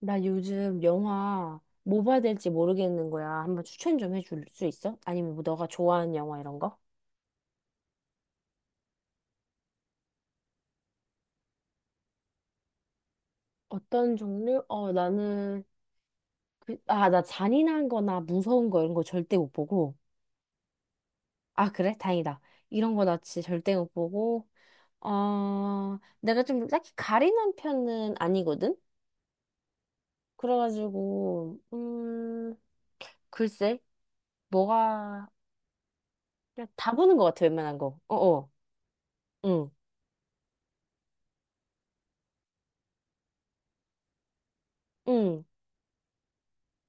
나 요즘 영화 뭐 봐야 될지 모르겠는 거야. 한번 추천 좀 해줄 수 있어? 아니면 뭐 너가 좋아하는 영화 이런 거? 어떤 종류? 어, 나는 그, 아, 나 잔인한 거나 무서운 거 이런 거 절대 못 보고. 아, 그래? 다행이다. 이런 거 나 진짜 절대 못 보고. 어, 내가 좀 딱히 가리는 편은 아니거든? 그래가지고, 글쎄, 뭐가, 그냥 다 보는 것 같아, 웬만한 거. 어어. 응, 응,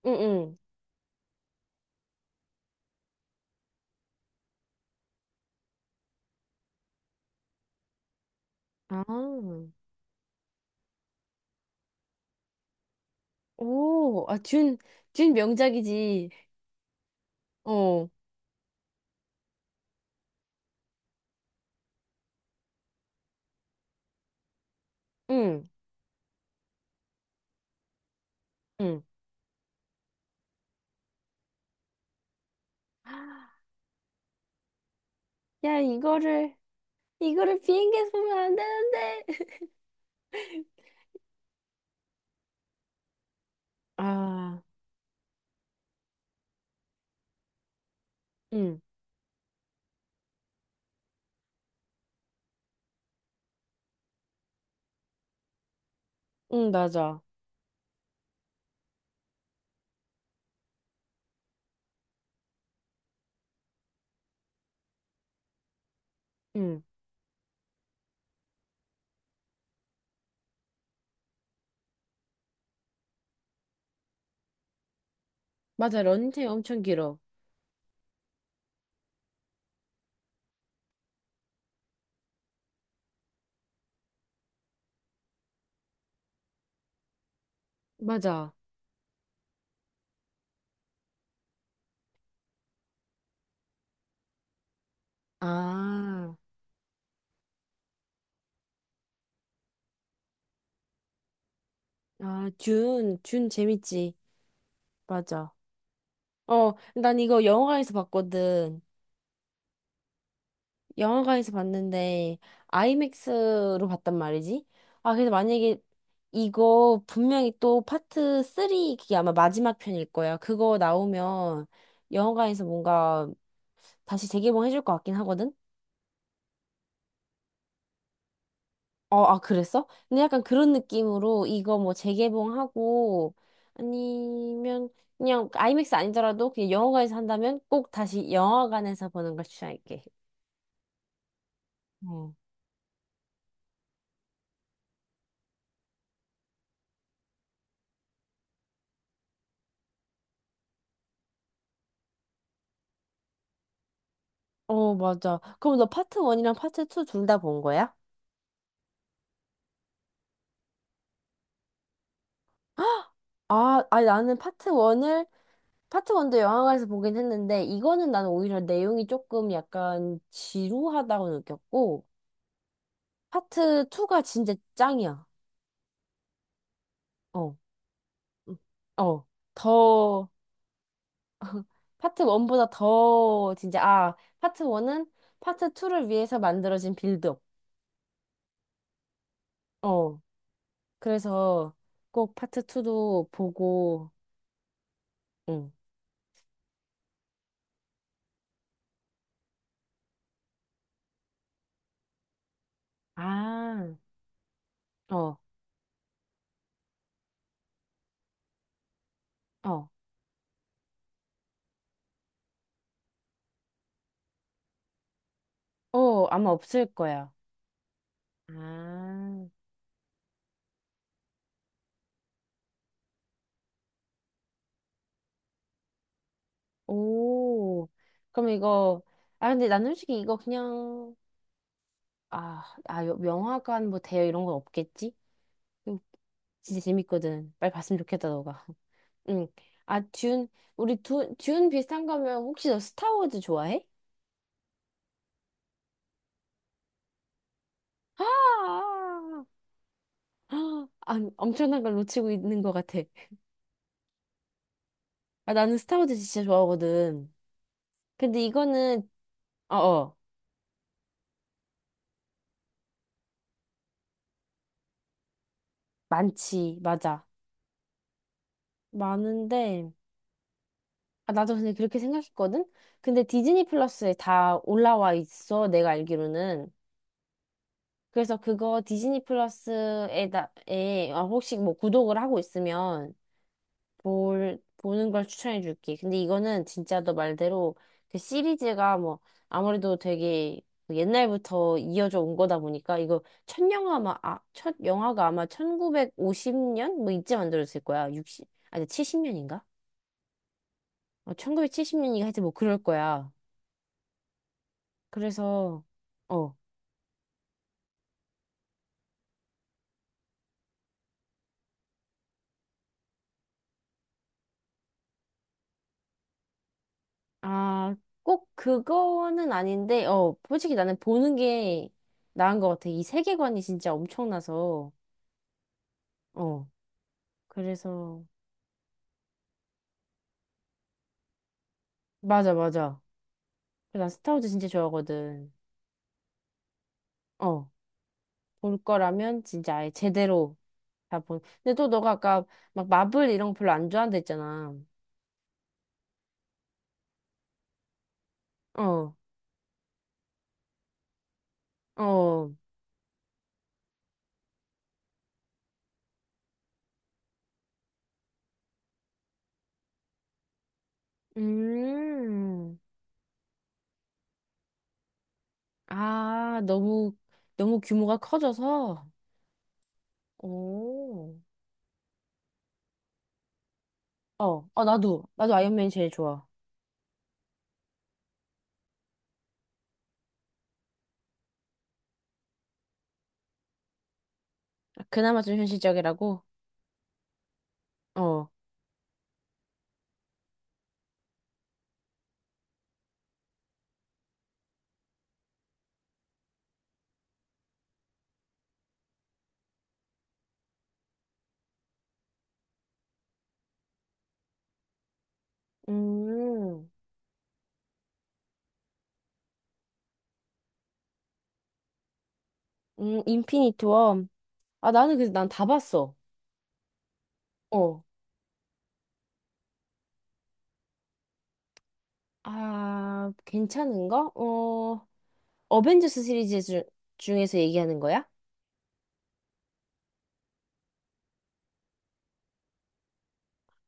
응, 응. 아. 오, 아, 준, 준 명작이지. 어, 응, 응. 야, 이거를 비행기에서 보면 안 되는데. 아, 응, 응, 맞아. 응, 맞아. 런닝타임 엄청 길어. 맞아. 아, 아, 준, 준 재밌지. 맞아. 어, 난 이거 영화관에서 봤거든. 영화관에서 봤는데 아이맥스로 봤단 말이지. 아, 그래서 만약에 이거 분명히 또 파트 3, 그게 아마 마지막 편일 거야. 그거 나오면 영화관에서 뭔가 다시 재개봉 해줄 것 같긴 하거든. 어, 아, 그랬어? 근데 약간 그런 느낌으로 이거 뭐 재개봉하고, 아니면 그냥 아이맥스 아니더라도 그냥 영화관에서 한다면 꼭 다시 영화관에서 보는 걸 추천할게. 어. 어, 맞아. 그럼 너 파트 1이랑 파트 2 둘 다 본 거야? 아, 아니 나는 파트 1도 영화관에서 보긴 했는데, 이거는 나는 오히려 내용이 조금 약간 지루하다고 느꼈고 파트 2가 진짜 짱이야. 어. 음. 어. 더 파트 1보다 더 진짜 아, 파트 1은 파트 2를 위해서 만들어진 빌드업. 어. 그래서 꼭 파트 2도 보고. 응. 아, 어. 어. 어, 아마 없을 거야. 아. 오, 그럼 이거, 아, 근데 난 솔직히 이거 그냥, 아, 아, 영화관 뭐 대여 이런 건 없겠지? 이거 진짜 재밌거든. 빨리 봤으면 좋겠다, 너가. 응. 아, 듄, 듄 비슷한 거면 혹시 너 스타워즈 좋아해? 아, 아, 아, 엄청난 걸 놓치고 있는 것 같아. 아, 나는 스타워즈 진짜 좋아하거든. 근데 이거는, 어, 어, 많지, 맞아. 많은데, 아, 나도 근데 그렇게 생각했거든? 근데 디즈니 플러스에 다 올라와 있어, 내가 알기로는. 그래서 그거 어, 혹시 뭐 구독을 하고 있으면 보는 걸 추천해 줄게. 근데 이거는 진짜 너 말대로 그 시리즈가 뭐 아무래도 되게 옛날부터 이어져 온 거다 보니까 이거 첫 영화가 아마 1950년? 뭐 이때 만들어졌을 거야. 육십 아니 70년인가? 어, 1970년인가 하여튼 뭐 그럴 거야. 그래서, 어, 아, 꼭 그거는 아닌데, 어, 솔직히 나는 보는 게 나은 것 같아. 이 세계관이 진짜 엄청나서, 어, 그래서, 맞아, 맞아. 난 스타워즈 진짜 좋아하거든. 어, 볼 거라면 진짜 아예 제대로 다 본. 근데 또 너가 아까 막 마블 이런 거 별로 안 좋아한다 했잖아. 어, 어, 음, 아, 너무, 너무 규모가 커져서, 오. 어, 어, 나도. 나도 아이언맨이 제일 좋아. 그나마 좀 현실적이라고? 어. 음, 인피니트 워. 아, 나는 그래서 난 다 봤어. 어. 아, 괜찮은 거? 어, 어벤져스 시리즈 주, 중에서 얘기하는 거야?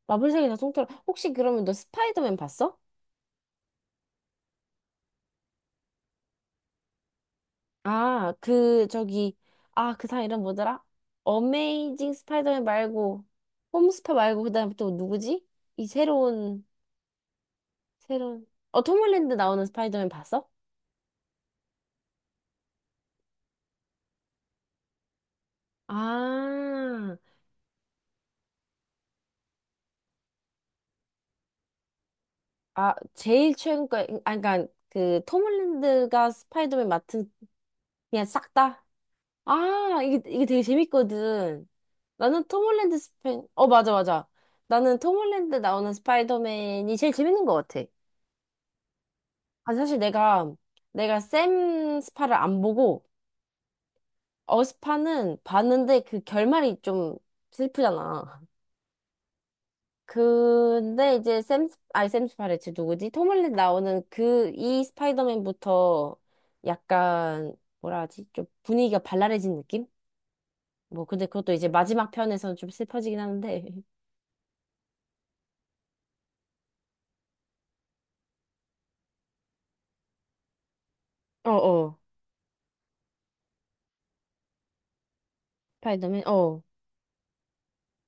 마블사계 다 통틀어. 혹시 그러면 너 스파이더맨 봤어? 아, 그, 저기, 아, 그 사람 이름 뭐더라? 어메이징 스파이더맨 말고, 홈스파 말고, 그 다음에 또 누구지? 이 새로운, 새로운, 어, 톰 홀랜드 나오는 스파이더맨 봤어? 아, 아, 제일 최근 거, 아, 그니까, 그, 톰 홀랜드가 스파이더맨 맡은, 그냥 싹 다? 아, 이게 되게 재밌거든. 나는 톰 홀랜드 스파이, 어, 맞아, 맞아. 나는 톰 홀랜드 나오는 스파이더맨이 제일 재밌는 것 같아. 아, 내가 샘 스파를 안 보고, 어스파는 봤는데 그 결말이 좀 슬프잖아. 근데 이제 샘, 스- 아니 샘 스파레츠 누구지? 톰 홀랜드 나오는 그 이 스파이더맨부터 약간 뭐라 하지? 좀 분위기가 발랄해진 느낌? 뭐 근데 그것도 이제 마지막 편에서는 좀 슬퍼지긴 하는데. 어 어. 스파이더맨. 어.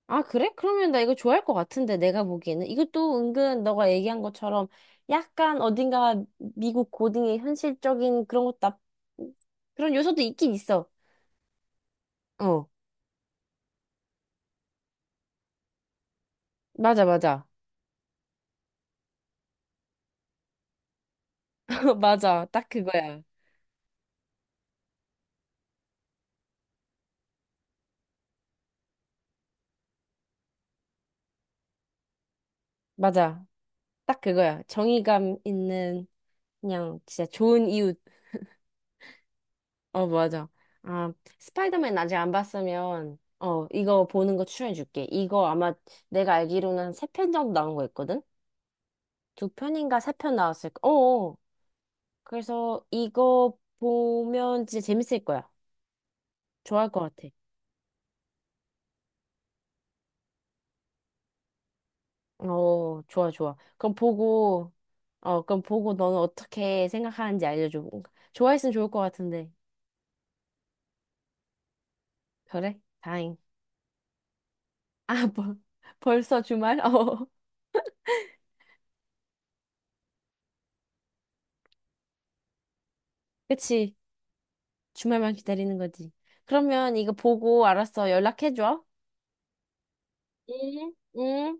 아 그래? 그러면 나 이거 좋아할 것 같은데 내가 보기에는 이것도 은근 너가 얘기한 것처럼 약간 어딘가 미국 고딩의 현실적인 그런 요소도 있긴 있어. 어. 맞아 맞아. 맞아. 딱 그거야. 맞아. 딱 그거야. 정의감 있는, 그냥 진짜 좋은 이웃. 어, 맞아. 아, 스파이더맨 아직 안 봤으면, 어, 이거 보는 거 추천해줄게. 이거 아마 내가 알기로는 한 세 편 정도 나온 거 있거든? 두 편인가 세 편 나왔을 거. 어어. 그래서 이거 보면 진짜 재밌을 거야. 좋아할 것 같아. 어, 좋아, 좋아. 어, 그럼 보고 너는 어떻게 생각하는지 알려줘. 좋아했으면 좋을 것 같은데. 그래? 다행. 아, 벌, 벌써 주말? 어. 그치? 주말만 기다리는 거지. 그러면 이거 보고 알았어. 연락해줘. 응? 응?